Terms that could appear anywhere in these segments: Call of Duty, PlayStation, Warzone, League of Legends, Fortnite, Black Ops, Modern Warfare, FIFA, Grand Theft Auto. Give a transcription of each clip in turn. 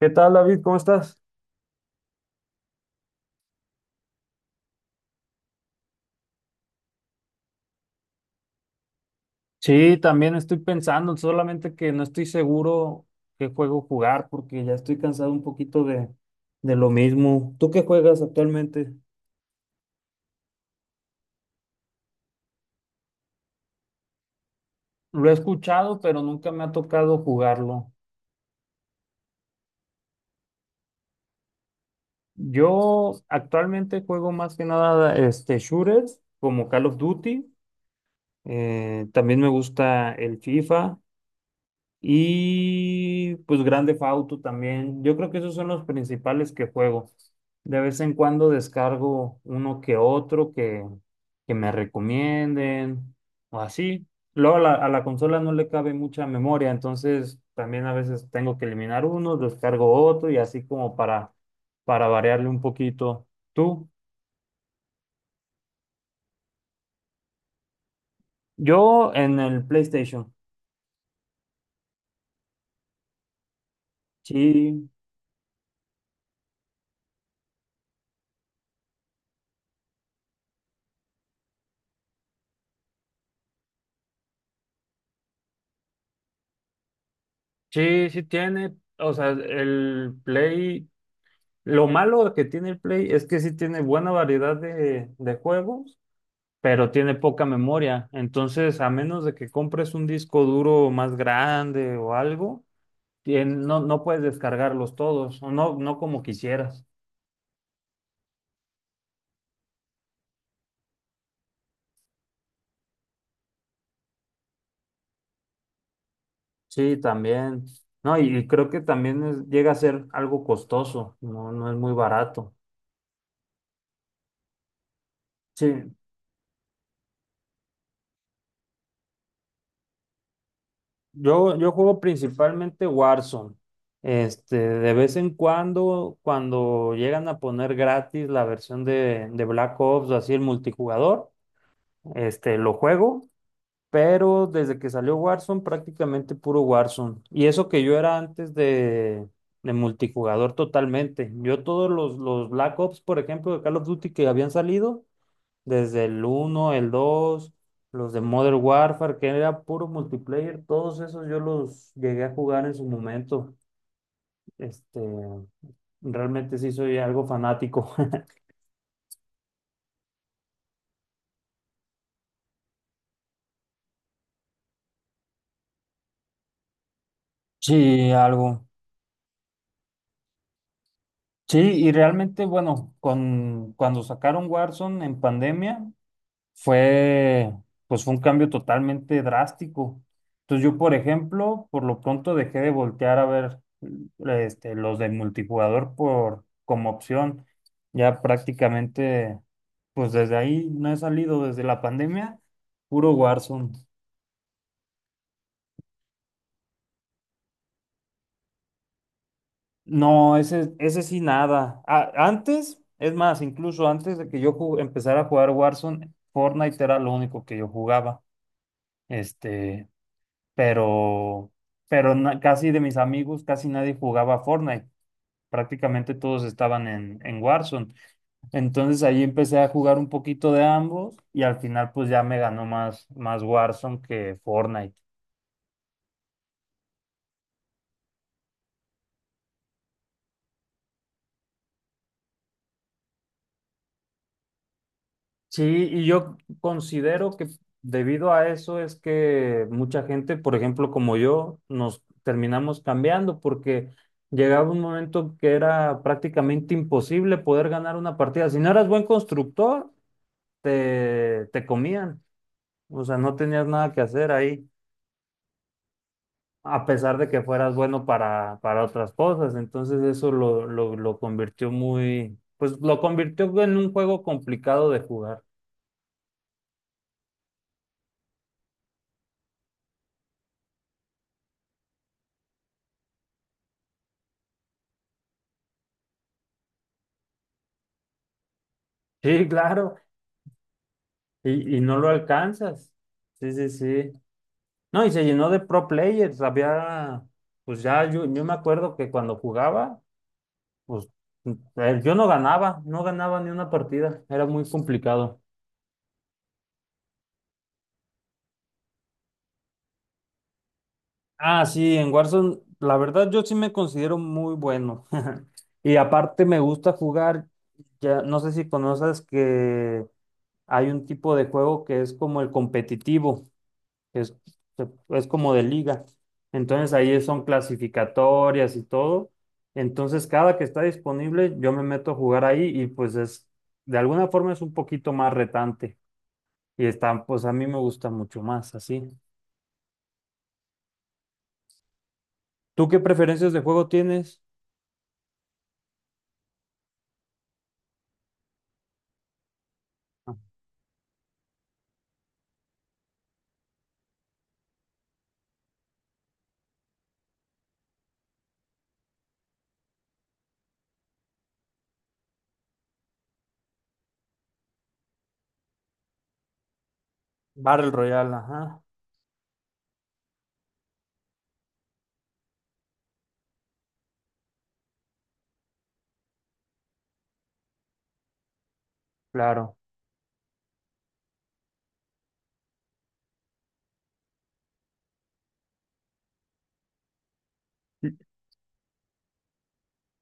¿Qué tal, David? ¿Cómo estás? Sí, también estoy pensando, solamente que no estoy seguro qué juego jugar porque ya estoy cansado un poquito de lo mismo. ¿Tú qué juegas actualmente? Lo he escuchado, pero nunca me ha tocado jugarlo. Yo actualmente juego más que nada este shooters como Call of Duty. También me gusta el FIFA y pues grande Theft Auto también. Yo creo que esos son los principales que juego. De vez en cuando descargo uno que otro que me recomienden o así. Luego a a la consola no le cabe mucha memoria, entonces también a veces tengo que eliminar uno, descargo otro y así como para variarle un poquito. ¿Tú? Yo en el PlayStation. Sí, sí, sí tiene. O sea, el Play. Lo malo que tiene el Play es que sí tiene buena variedad de juegos, pero tiene poca memoria. Entonces, a menos de que compres un disco duro más grande o algo, no, no puedes descargarlos todos, o no, no como quisieras. Sí, también. No, y creo que también llega a ser algo costoso, no, no es muy barato. Sí, yo juego principalmente Warzone. Este, de vez en cuando, cuando llegan a poner gratis la versión de Black Ops o así el multijugador, este, lo juego, pero desde que salió Warzone, prácticamente puro Warzone. Y eso que yo era antes de multijugador totalmente. Yo todos los Black Ops, por ejemplo, de Call of Duty que habían salido, desde el uno, el 2, los de Modern Warfare, que era puro multiplayer, todos esos yo los llegué a jugar en su momento. Este, realmente sí soy algo fanático. Sí, algo. Sí, y realmente, bueno, cuando sacaron Warzone en pandemia fue, pues fue un cambio totalmente drástico. Entonces yo, por ejemplo, por lo pronto dejé de voltear a ver este, los de multijugador por, como opción. Ya prácticamente, pues desde ahí no he salido desde la pandemia, puro Warzone. No, ese sí nada. Antes, es más, incluso antes de que yo empezara a jugar Warzone, Fortnite era lo único que yo jugaba. Este, pero, pero casi de mis amigos, casi nadie jugaba Fortnite. Prácticamente todos estaban en Warzone. Entonces ahí empecé a jugar un poquito de ambos y al final pues ya me ganó más, más Warzone que Fortnite. Sí, y yo considero que debido a eso es que mucha gente, por ejemplo, como yo, nos terminamos cambiando porque llegaba un momento que era prácticamente imposible poder ganar una partida. Si no eras buen constructor, te comían, o sea, no tenías nada que hacer ahí, a pesar de que fueras bueno para otras cosas. Entonces eso lo convirtió muy, pues lo convirtió en un juego complicado de jugar. Sí, claro, y no lo alcanzas. Sí, sí, sí. No, y se llenó de pro players, había, pues ya yo me acuerdo que cuando jugaba, pues yo no ganaba, no ganaba ni una partida, era muy complicado. Ah, sí, en Warzone, la verdad yo sí me considero muy bueno. Y aparte me gusta jugar, ya no sé si conoces que hay un tipo de juego que es como el competitivo, que es, que es como de liga. Entonces ahí son clasificatorias y todo. Entonces cada que está disponible yo me meto a jugar ahí y pues es, de alguna forma es un poquito más retante. Y está, pues a mí me gusta mucho más así. ¿Tú qué preferencias de juego tienes? Battle Royale, ajá, claro. L-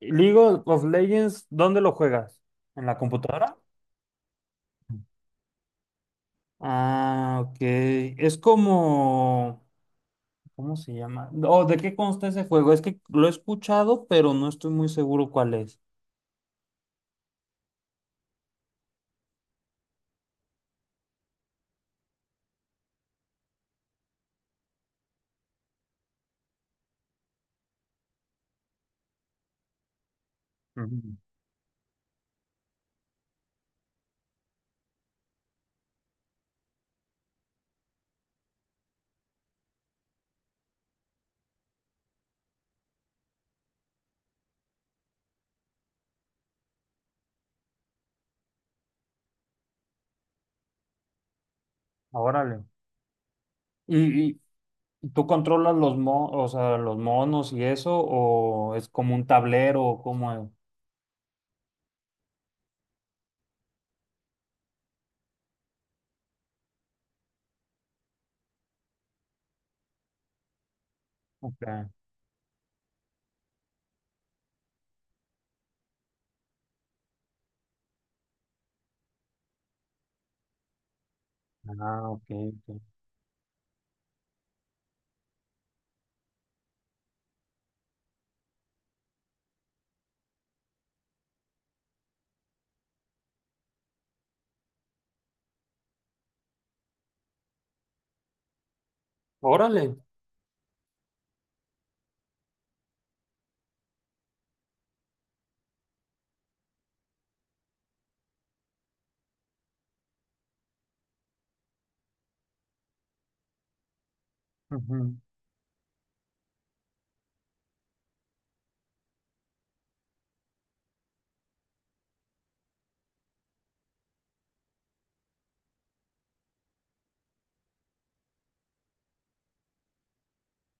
League of Legends, ¿dónde lo juegas? ¿En la computadora? Ah, ok. Es como, ¿cómo se llama? ¿O ¿de qué consta ese juego? Es que lo he escuchado, pero no estoy muy seguro cuál es. Ujú. Órale. ¿Y, y tú controlas o sea, los monos y eso? ¿O es como un tablero? ¿O ¿Cómo es? Ok. Ah, ok, ok. Órale. Ujú.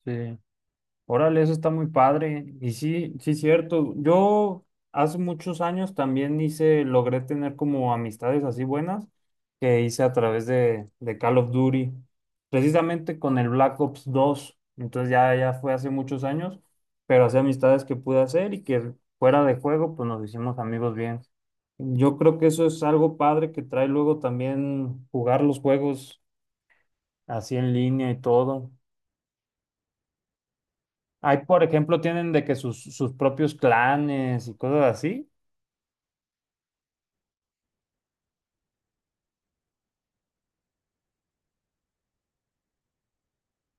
Sí. Órale, eso está muy padre. Y sí, sí, cierto. Yo hace muchos años también hice, logré tener como amistades así buenas que hice a través de Call of Duty, precisamente con el Black Ops 2. Entonces ya, ya fue hace muchos años, pero hacía amistades que pude hacer y que fuera de juego, pues nos hicimos amigos bien. Yo creo que eso es algo padre que trae luego también jugar los juegos así en línea y todo. Ahí, por ejemplo, tienen de que sus, sus propios clanes y cosas así.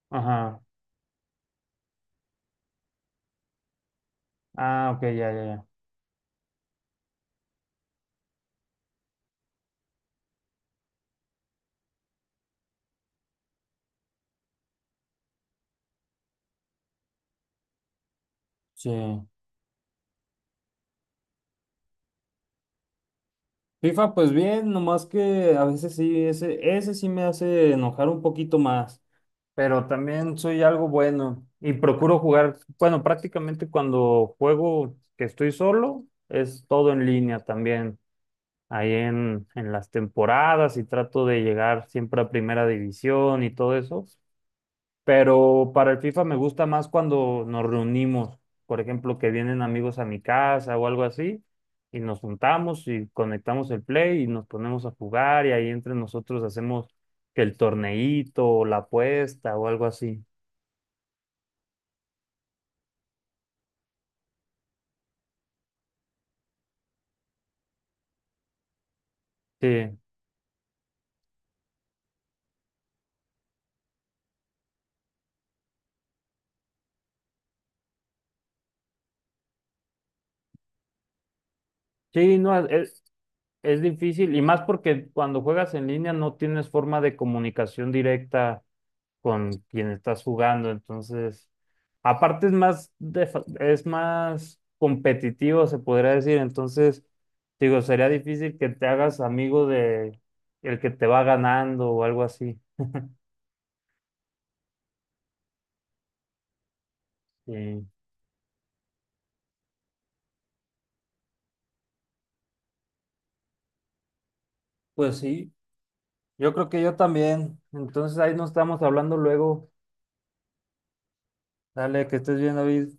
Ajá. Ah, ok, ya, ya, ya. Sí. FIFA, pues bien, nomás que a veces sí, ese sí me hace enojar un poquito más, pero también soy algo bueno y procuro jugar, bueno, prácticamente cuando juego que estoy solo, es todo en línea también, ahí en las temporadas y trato de llegar siempre a primera división y todo eso. Pero para el FIFA me gusta más cuando nos reunimos, por ejemplo, que vienen amigos a mi casa o algo así, y nos juntamos y conectamos el play y nos ponemos a jugar y ahí entre nosotros hacemos que el torneíto o la apuesta o algo así. Sí, sí, no, es difícil y más porque cuando juegas en línea no tienes forma de comunicación directa con quien estás jugando. Entonces, aparte es más, es más competitivo, se podría decir. Entonces, digo, sería difícil que te hagas amigo de el que te va ganando o algo así. Sí. Pues sí, yo creo que yo también. Entonces ahí nos estamos hablando luego. Dale, que estés bien, David.